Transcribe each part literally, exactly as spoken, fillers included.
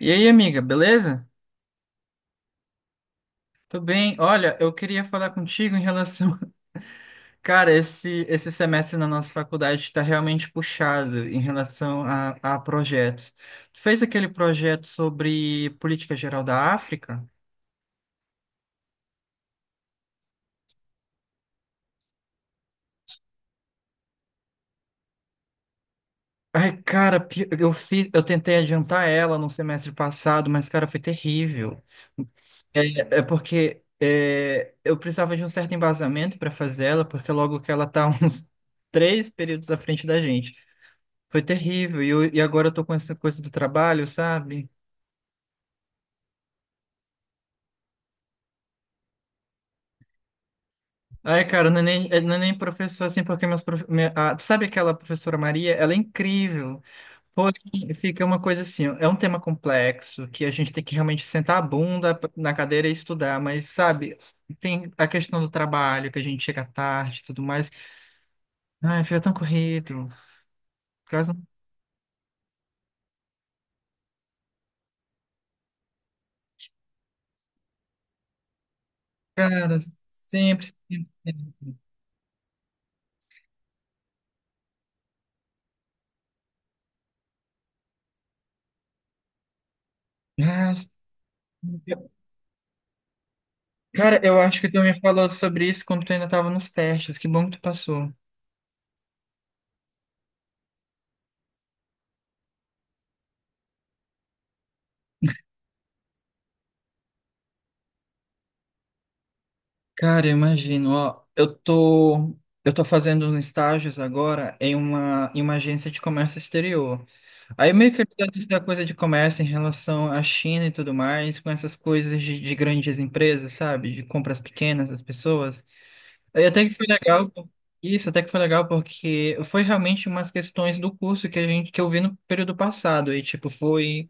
E aí, amiga, beleza? Tudo bem? Olha, eu queria falar contigo em relação. Cara, esse, esse semestre na nossa faculdade está realmente puxado em relação a, a projetos. Tu fez aquele projeto sobre política geral da África? Ai, cara, pi- eu fiz, eu tentei adiantar ela no semestre passado, mas, cara, foi terrível. É, é porque é, eu precisava de um certo embasamento para fazer ela, porque logo que ela tá uns três períodos à frente da gente. Foi terrível. E, eu- e agora eu tô com essa coisa do trabalho, sabe? Ai, cara, não é nem, é- não é nem professor assim, porque meus prof... minha- a- sabe aquela professora Maria? Ela é incrível. Porém, fica uma coisa assim, ó, é um tema complexo que a gente tem que realmente sentar a bunda p- na cadeira e estudar, mas sabe, tem a questão do trabalho, que a gente chega tarde e tudo mais. Ai, fica tão corrido. Por causa- Cara, sempre, sempre. sempre. Ah, cara, eu acho que tu me falou sobre isso quando tu ainda tava nos testes. Que bom que tu passou. Cara, eu imagino, ó, eu tô, eu tô fazendo uns estágios agora em uma, em uma agência de comércio exterior. Aí meio que eu sei da coisa de comércio em relação à China e tudo mais, com essas coisas de, de grandes empresas, sabe? De compras pequenas das pessoas. Aí até que foi legal, pô. Isso, até que foi legal porque foi realmente umas questões do curso que a gente, que eu vi no período passado. E tipo, foi...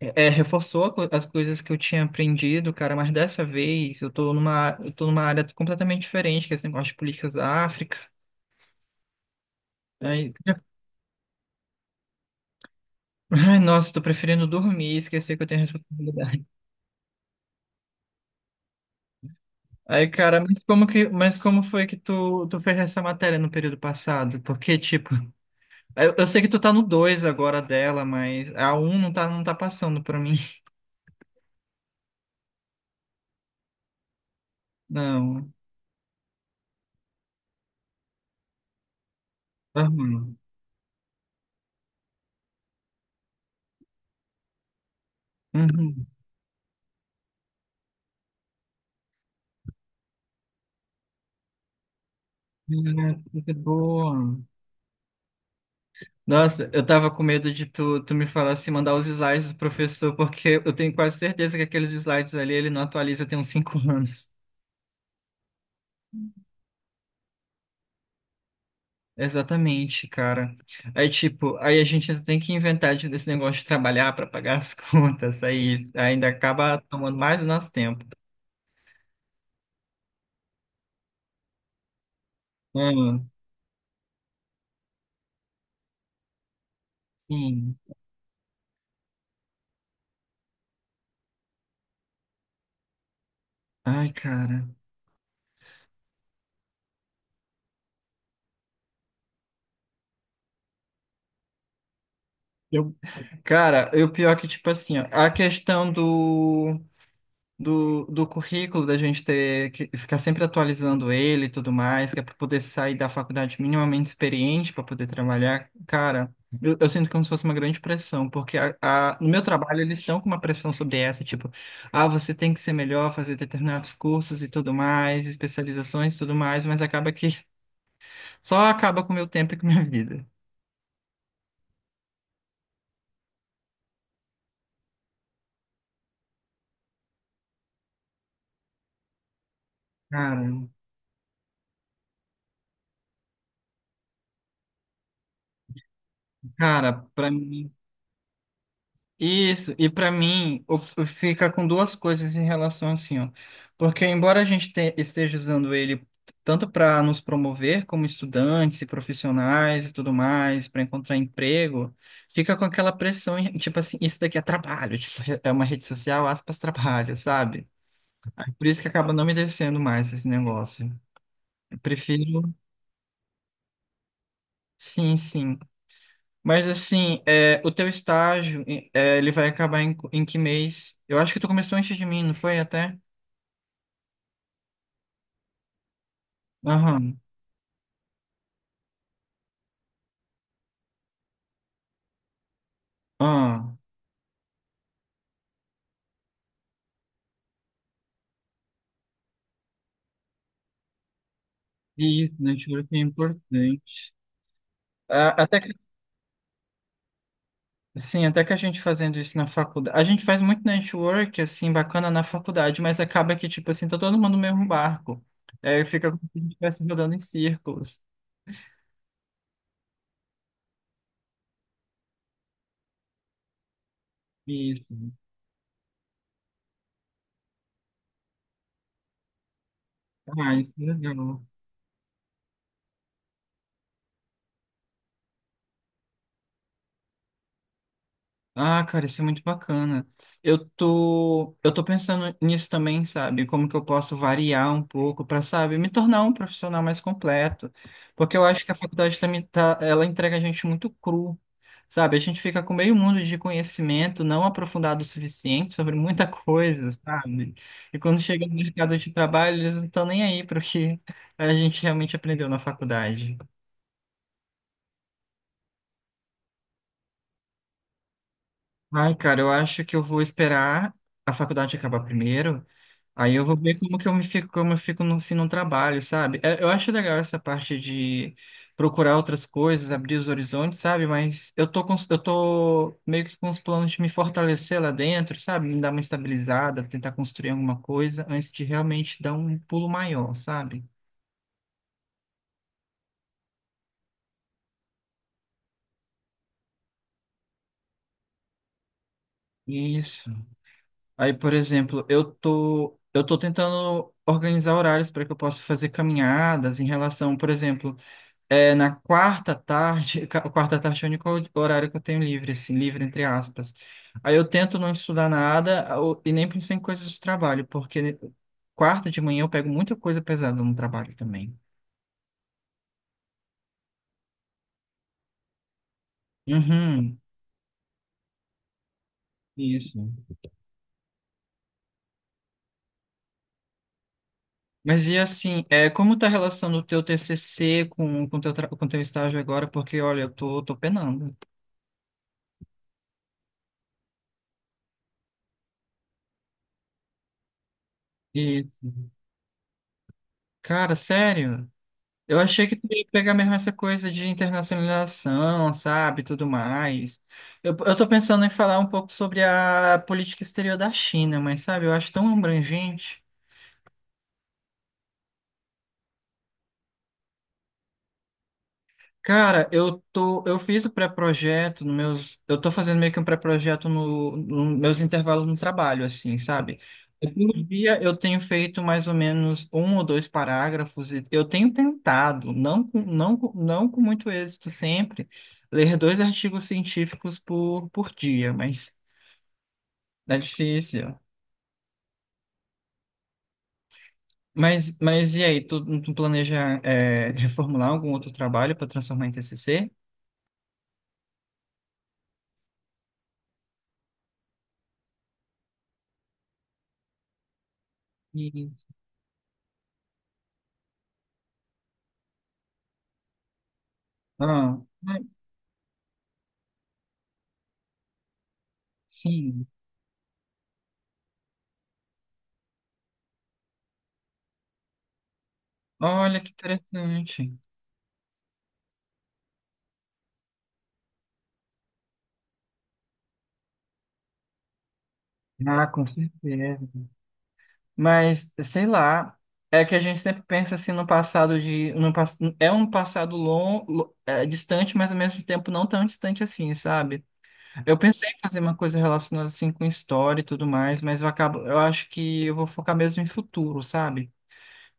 É, reforçou a co- as coisas que eu tinha aprendido, cara, mas dessa vez eu tô numa, eu tô numa área completamente diferente, que é esse negócio de políticas da África. Aí, ai, nossa, tô preferindo dormir e esquecer que eu tenho responsabilidade. Aí, cara, mas como que, mas como foi que tu, tu fez essa matéria no período passado? Porque, tipo, eu, eu sei que tu tá no dois agora dela, mas a um não tá, não tá passando pra mim. Não, tá ruim. Uhum. Ah, que boa. Nossa, eu tava com medo de tu, tu me falar se mandar os slides do professor, porque eu tenho quase certeza que aqueles slides ali ele não atualiza tem uns cinco anos. Exatamente, cara. Aí, tipo, aí a gente ainda tem que inventar de- desse negócio de trabalhar para pagar as contas, aí ainda acaba tomando mais do nosso tempo. Hum, sim. Ai, cara. Eu, cara, eu pior é que, tipo assim, ó, a questão do do, do currículo, da gente ter que ficar sempre atualizando ele e tudo mais, que é para poder sair da faculdade minimamente experiente para poder trabalhar. Cara, eu, eu sinto como se fosse uma grande pressão, porque a, a- no meu trabalho eles estão com uma pressão sobre essa, tipo, ah, você tem que ser melhor, fazer determinados cursos e tudo mais, especializações e tudo mais, mas acaba que só acaba com o meu tempo e com a minha vida. Cara, cara, para mim. Isso, e para mim o- o- fica com duas coisas em relação assim, ó. Porque embora a gente te- esteja usando ele tanto para nos promover como estudantes e profissionais e tudo mais, para encontrar emprego, fica com aquela pressão, em- tipo assim, isso daqui é trabalho, tipo, re- é uma rede social, aspas, trabalho, sabe? Por isso que acaba não me descendo mais esse negócio. Eu prefiro, sim, sim. Mas assim, é, o teu estágio, é, ele vai acabar em, em que mês? Eu acho que tu começou antes de mim, não foi até? Aham, ah, isso, network é importante. A- Até que, sim, até que a gente fazendo isso na faculdade. A gente faz muito network, assim, bacana na faculdade, mas acaba que, tipo assim, tá todo mundo no mesmo barco. É, fica como se a gente estivesse rodando em círculos. Isso. Ah, isso é legal. Ah, cara, isso é muito bacana. Eu tô, eu tô pensando nisso também, sabe? Como que eu posso variar um pouco para, sabe, me tornar um profissional mais completo. Porque eu acho que a faculdade também tá, ela entrega a gente muito cru, sabe? A gente fica com meio mundo de conhecimento não aprofundado o suficiente sobre muita coisa, sabe? E quando chega no mercado de trabalho, eles não estão nem aí para o que a gente realmente aprendeu na faculdade. Ai, cara, eu acho que eu vou esperar a faculdade acabar primeiro. Aí eu vou ver como que eu me fico, como eu fico no, se não trabalho, sabe? É, eu acho legal essa parte de procurar outras coisas, abrir os horizontes, sabe? Mas eu tô com, os- eu tô meio que com os planos de me fortalecer lá dentro, sabe? Me dar uma estabilizada, tentar construir alguma coisa antes de realmente dar um pulo maior, sabe? Isso. Aí, por exemplo, eu tô, eu tô tentando organizar horários para que eu possa fazer caminhadas em relação, por exemplo, é, na quarta tarde, ca- quarta tarde é o único horário que eu tenho livre, assim, livre entre aspas. Aí eu tento não estudar nada ou- e nem pensar em coisas de trabalho, porque quarta de manhã eu pego muita coisa pesada no trabalho também. Uhum, isso. Mas e assim, é, como tá a relação do teu T C C com o teu, tra- com teu estágio agora? Porque, olha, eu tô, tô penando. Isso. Cara, sério? Eu achei que tu ia pegar mesmo essa coisa de internacionalização, sabe, tudo mais. Eu, eu tô pensando em falar um pouco sobre a política exterior da China, mas sabe, eu acho tão abrangente. Cara, eu tô, eu fiz o pré-projeto no meus, eu tô fazendo meio que um pré-projeto no, no meus intervalos no trabalho, assim, sabe? Eu, Por dia eu tenho feito mais ou menos um ou dois parágrafos e eu tenho tentado, não com, não, com- não com muito êxito sempre, ler dois artigos científicos por, por dia, mas é difícil. Mas, mas e aí, tu, tu planeja é, reformular algum outro trabalho para transformar em T C C? Isso. Ah, mas- sim. Olha que interessante. Ah, com certeza. Mas, sei lá, é que a gente sempre pensa assim no passado de. No, pass- É um passado longo, distante, mas ao mesmo tempo não tão distante assim, sabe? Eu pensei em fazer uma coisa relacionada assim com história e tudo mais, mas eu acabo, eu acho que eu vou focar mesmo em futuro, sabe?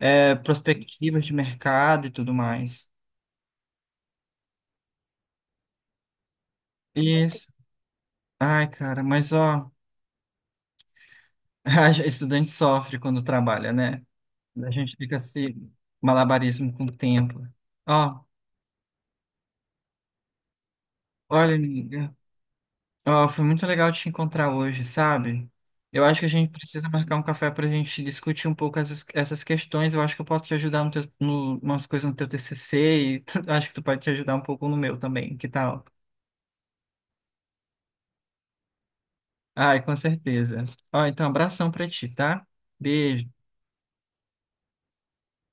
É, perspectivas de mercado e tudo mais. Isso. Ai, cara, mas ó, a gente- estudante sofre quando trabalha, né? A gente fica se malabarismo com o tempo. Ó, olha, amiga, ó, foi muito legal te encontrar hoje, sabe? Eu acho que a gente precisa marcar um café para a gente discutir um pouco essas, essas questões. Eu acho que eu posso te ajudar no teu, no, umas coisas no teu T C C e tu- acho que tu pode te ajudar um pouco no meu também. Que tal? Ai, com certeza. Ó, então, abração para ti, tá? Beijo.